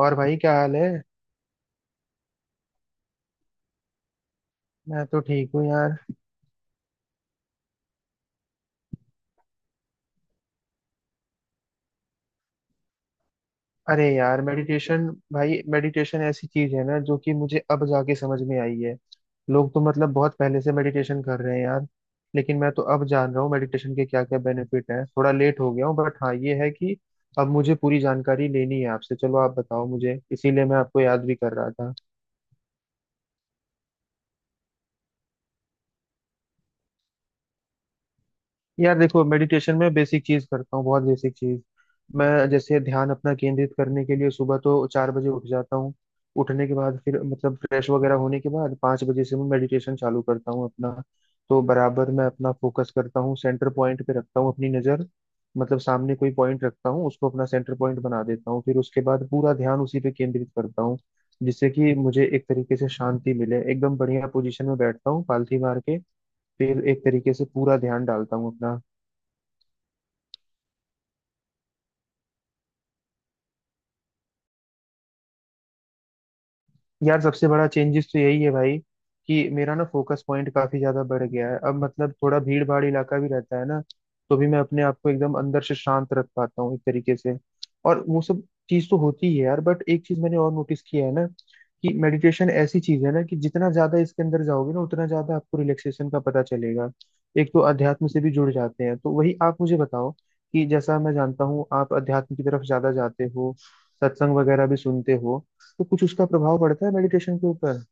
और भाई क्या हाल है। मैं तो ठीक हूँ यार। अरे यार मेडिटेशन, भाई मेडिटेशन ऐसी चीज है ना जो कि मुझे अब जाके समझ में आई है। लोग तो मतलब बहुत पहले से मेडिटेशन कर रहे हैं यार, लेकिन मैं तो अब जान रहा हूँ मेडिटेशन के क्या क्या बेनिफिट हैं। थोड़ा लेट हो गया हूँ बट हाँ ये है कि अब मुझे पूरी जानकारी लेनी है आपसे। चलो आप बताओ मुझे, इसीलिए मैं आपको याद भी कर रहा था। यार देखो, मेडिटेशन में बेसिक चीज करता हूँ, बहुत बेसिक चीज। मैं जैसे ध्यान अपना केंद्रित करने के लिए सुबह तो चार बजे उठ जाता हूँ। उठने के बाद फिर मतलब फ्रेश वगैरह होने के बाद पाँच बजे से मैं मेडिटेशन चालू करता हूँ अपना। तो बराबर मैं अपना फोकस करता हूँ, सेंटर पॉइंट पे रखता हूँ अपनी नज़र। मतलब सामने कोई पॉइंट रखता हूँ, उसको अपना सेंटर पॉइंट बना देता हूँ, फिर उसके बाद पूरा ध्यान उसी पे केंद्रित करता हूँ, जिससे कि मुझे एक तरीके से शांति मिले। एकदम बढ़िया पोजीशन में बैठता हूँ पालथी मार के, फिर एक तरीके से पूरा ध्यान डालता हूँ अपना। यार सबसे बड़ा चेंजेस तो यही है भाई, कि मेरा ना फोकस पॉइंट काफी ज्यादा बढ़ गया है। अब मतलब थोड़ा भीड़ भाड़ इलाका भी रहता है ना, तो भी मैं अपने आप को एकदम अंदर से शांत रख पाता हूँ एक तरीके से। और वो सब चीज तो होती है यार, बट एक चीज मैंने और नोटिस किया है ना, कि मेडिटेशन ऐसी चीज है ना कि जितना ज्यादा इसके अंदर जाओगे ना उतना ज्यादा आपको रिलैक्सेशन का पता चलेगा। एक तो अध्यात्म से भी जुड़ जाते हैं। तो वही आप मुझे बताओ, कि जैसा मैं जानता हूँ आप अध्यात्म की तरफ ज्यादा जाते हो, सत्संग वगैरह भी सुनते हो, तो कुछ उसका प्रभाव पड़ता है मेडिटेशन के ऊपर?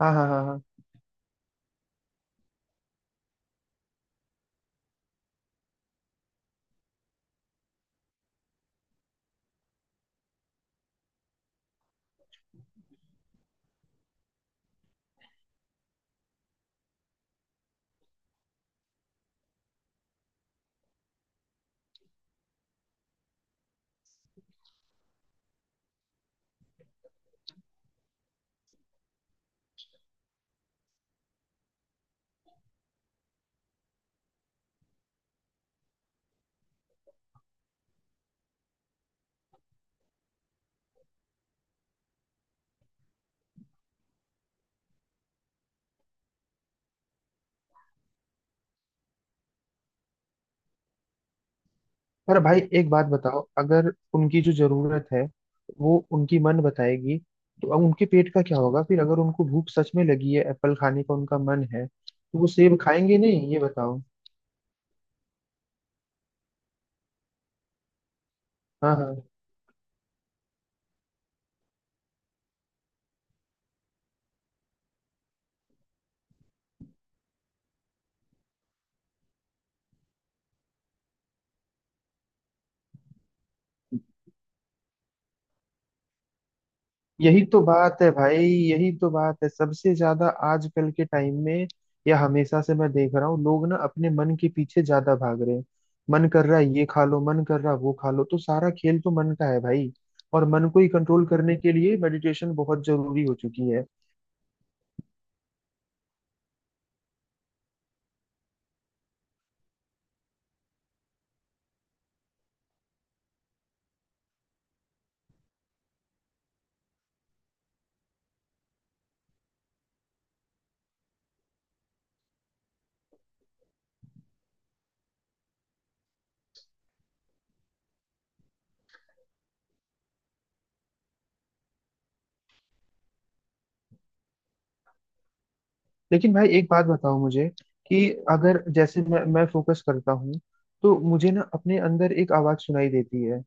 हाँ हाँ हाँ हाँ। पर भाई एक बात बताओ, अगर उनकी जो जरूरत है वो उनकी मन बताएगी, तो अब उनके पेट का क्या होगा फिर? अगर उनको भूख सच में लगी है, एप्पल खाने का उनका मन है, तो वो सेब खाएंगे नहीं? ये बताओ। हाँ हाँ। यही तो बात है भाई, यही तो बात है, सबसे ज्यादा आजकल के टाइम में या हमेशा से मैं देख रहा हूँ, लोग ना अपने मन के पीछे ज्यादा भाग रहे हैं। मन कर रहा है ये खा लो, मन कर रहा है वो खा लो, तो सारा खेल तो मन का है भाई। और मन को ही कंट्रोल करने के लिए मेडिटेशन बहुत जरूरी हो चुकी है। लेकिन भाई एक बात बताओ मुझे, कि अगर जैसे मैं फोकस करता हूँ, तो मुझे ना अपने अंदर एक आवाज सुनाई देती है,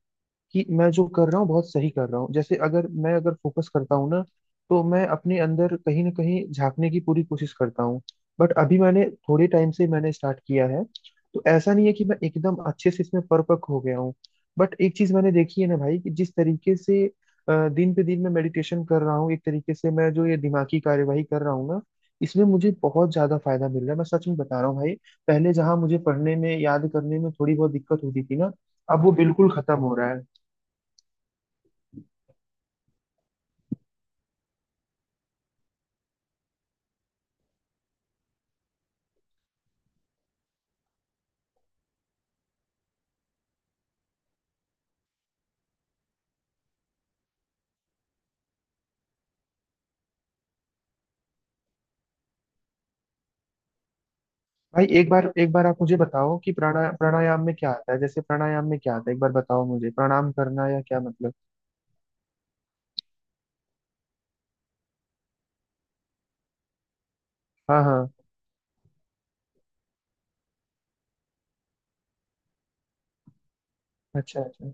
कि मैं जो कर रहा हूँ बहुत सही कर रहा हूँ। जैसे अगर मैं अगर फोकस करता हूँ ना, तो मैं अपने अंदर कहीं ना कहीं झांकने की पूरी कोशिश करता हूँ। बट अभी मैंने थोड़े टाइम से मैंने स्टार्ट किया है, तो ऐसा नहीं है कि मैं एकदम अच्छे से इसमें परपक हो गया हूँ। बट एक चीज मैंने देखी है ना भाई, कि जिस तरीके से दिन पे दिन मैं मेडिटेशन कर रहा हूँ एक तरीके से, मैं जो ये दिमागी कार्यवाही कर रहा हूँ ना, इसमें मुझे बहुत ज्यादा फायदा मिल रहा है। मैं सच में बता रहा हूँ भाई, पहले जहां मुझे पढ़ने में याद करने में थोड़ी बहुत दिक्कत होती थी ना, अब वो बिल्कुल खत्म हो रहा है। भाई एक बार आप मुझे बताओ, कि प्राणायाम में क्या आता है? जैसे प्राणायाम में क्या आता है, एक बार बताओ मुझे। प्रणाम करना या क्या मतलब? हाँ हाँ। अच्छा अच्छा।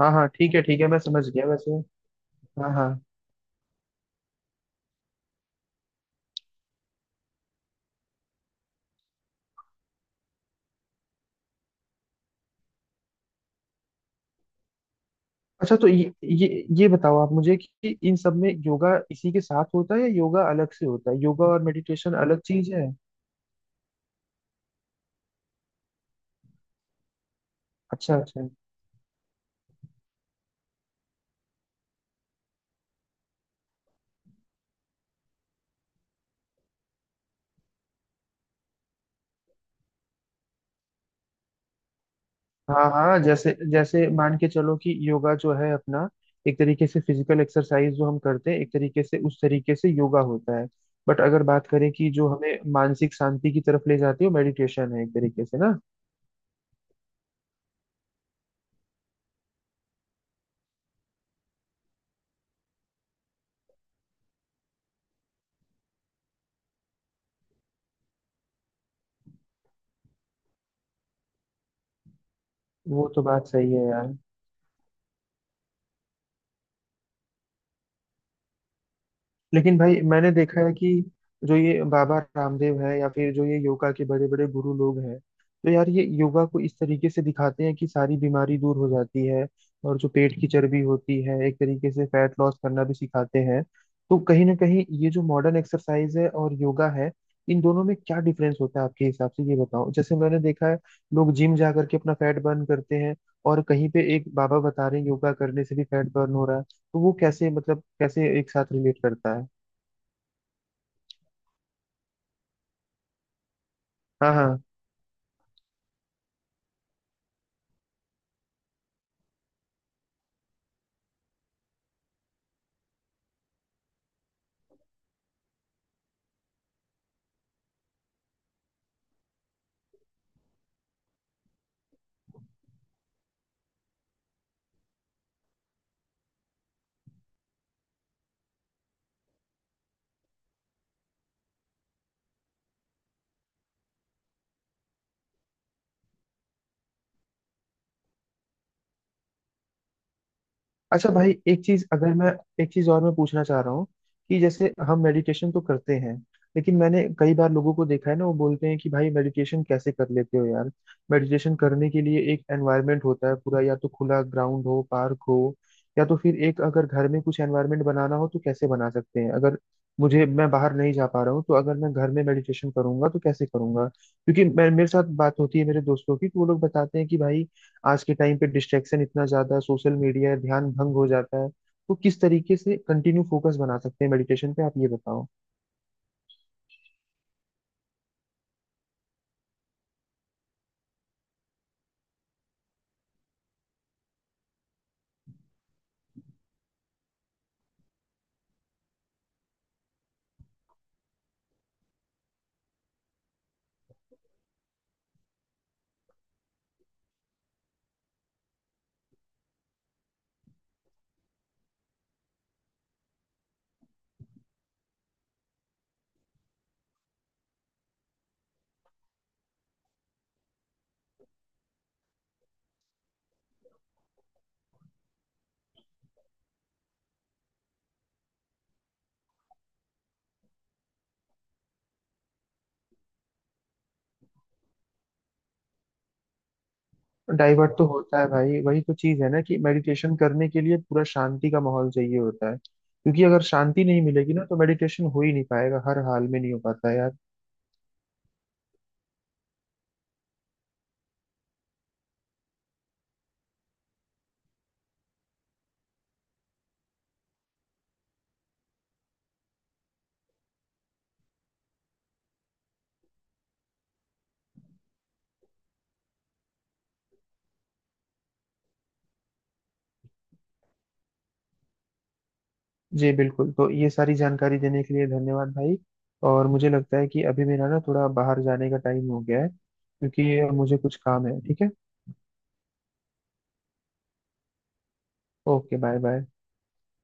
हाँ हाँ ठीक है ठीक है, मैं समझ गया वैसे। हाँ हाँ। अच्छा तो ये बताओ आप मुझे, कि इन सब में योगा इसी के साथ होता है या योगा अलग से होता है? योगा और मेडिटेशन अलग चीज है? अच्छा अच्छा। हाँ हाँ। जैसे जैसे मान के चलो कि योगा जो है अपना एक तरीके से फिजिकल एक्सरसाइज जो हम करते हैं, एक तरीके से उस तरीके से योगा होता है। बट अगर बात करें कि जो हमें मानसिक शांति की तरफ ले जाती है वो मेडिटेशन है एक तरीके से ना। वो तो बात सही है यार। लेकिन भाई मैंने देखा है कि जो ये बाबा रामदेव है या फिर जो ये योगा के बड़े बड़े गुरु लोग हैं, तो यार ये योगा को इस तरीके से दिखाते हैं कि सारी बीमारी दूर हो जाती है, और जो पेट की चर्बी होती है एक तरीके से फैट लॉस करना भी सिखाते हैं। तो कहीं ना कहीं ये जो मॉडर्न एक्सरसाइज है और योगा है, इन दोनों में क्या डिफरेंस होता है आपके हिसाब से? ये बताओ। जैसे मैंने देखा है, लोग जिम जा करके अपना फैट बर्न करते हैं, और कहीं पे एक बाबा बता रहे हैं योगा करने से भी फैट बर्न हो रहा है। तो वो कैसे, मतलब कैसे एक साथ रिलेट करता है? हाँ हाँ। अच्छा भाई, एक चीज अगर मैं एक चीज और मैं पूछना चाह रहा हूँ, कि जैसे हम मेडिटेशन तो करते हैं, लेकिन मैंने कई बार लोगों को देखा है ना, वो बोलते हैं कि भाई मेडिटेशन कैसे कर लेते हो यार? मेडिटेशन करने के लिए एक एनवायरनमेंट होता है पूरा, या तो खुला ग्राउंड हो, पार्क हो, या तो फिर एक अगर घर में कुछ एनवायरनमेंट बनाना हो तो कैसे बना सकते हैं? अगर मुझे मैं बाहर नहीं जा पा रहा हूँ, तो अगर मैं घर में मेडिटेशन करूंगा तो कैसे करूंगा? क्योंकि मैं मेरे साथ बात होती है मेरे दोस्तों की, तो वो लोग बताते हैं कि भाई आज के टाइम पे डिस्ट्रैक्शन इतना ज्यादा है, सोशल मीडिया है, ध्यान भंग हो जाता है। तो किस तरीके से कंटिन्यू फोकस बना सकते हैं मेडिटेशन पे? आप ये बताओ। डाइवर्ट तो होता है भाई, वही तो चीज है ना, कि मेडिटेशन करने के लिए पूरा शांति का माहौल चाहिए होता है, क्योंकि अगर शांति नहीं मिलेगी ना तो मेडिटेशन हो ही नहीं पाएगा। हर हाल में नहीं हो पाता है यार। जी बिल्कुल। तो ये सारी जानकारी देने के लिए धन्यवाद भाई। और मुझे लगता है कि अभी मेरा ना थोड़ा बाहर जाने का टाइम हो गया है, क्योंकि मुझे कुछ काम है, ठीक है। Okay, bye bye.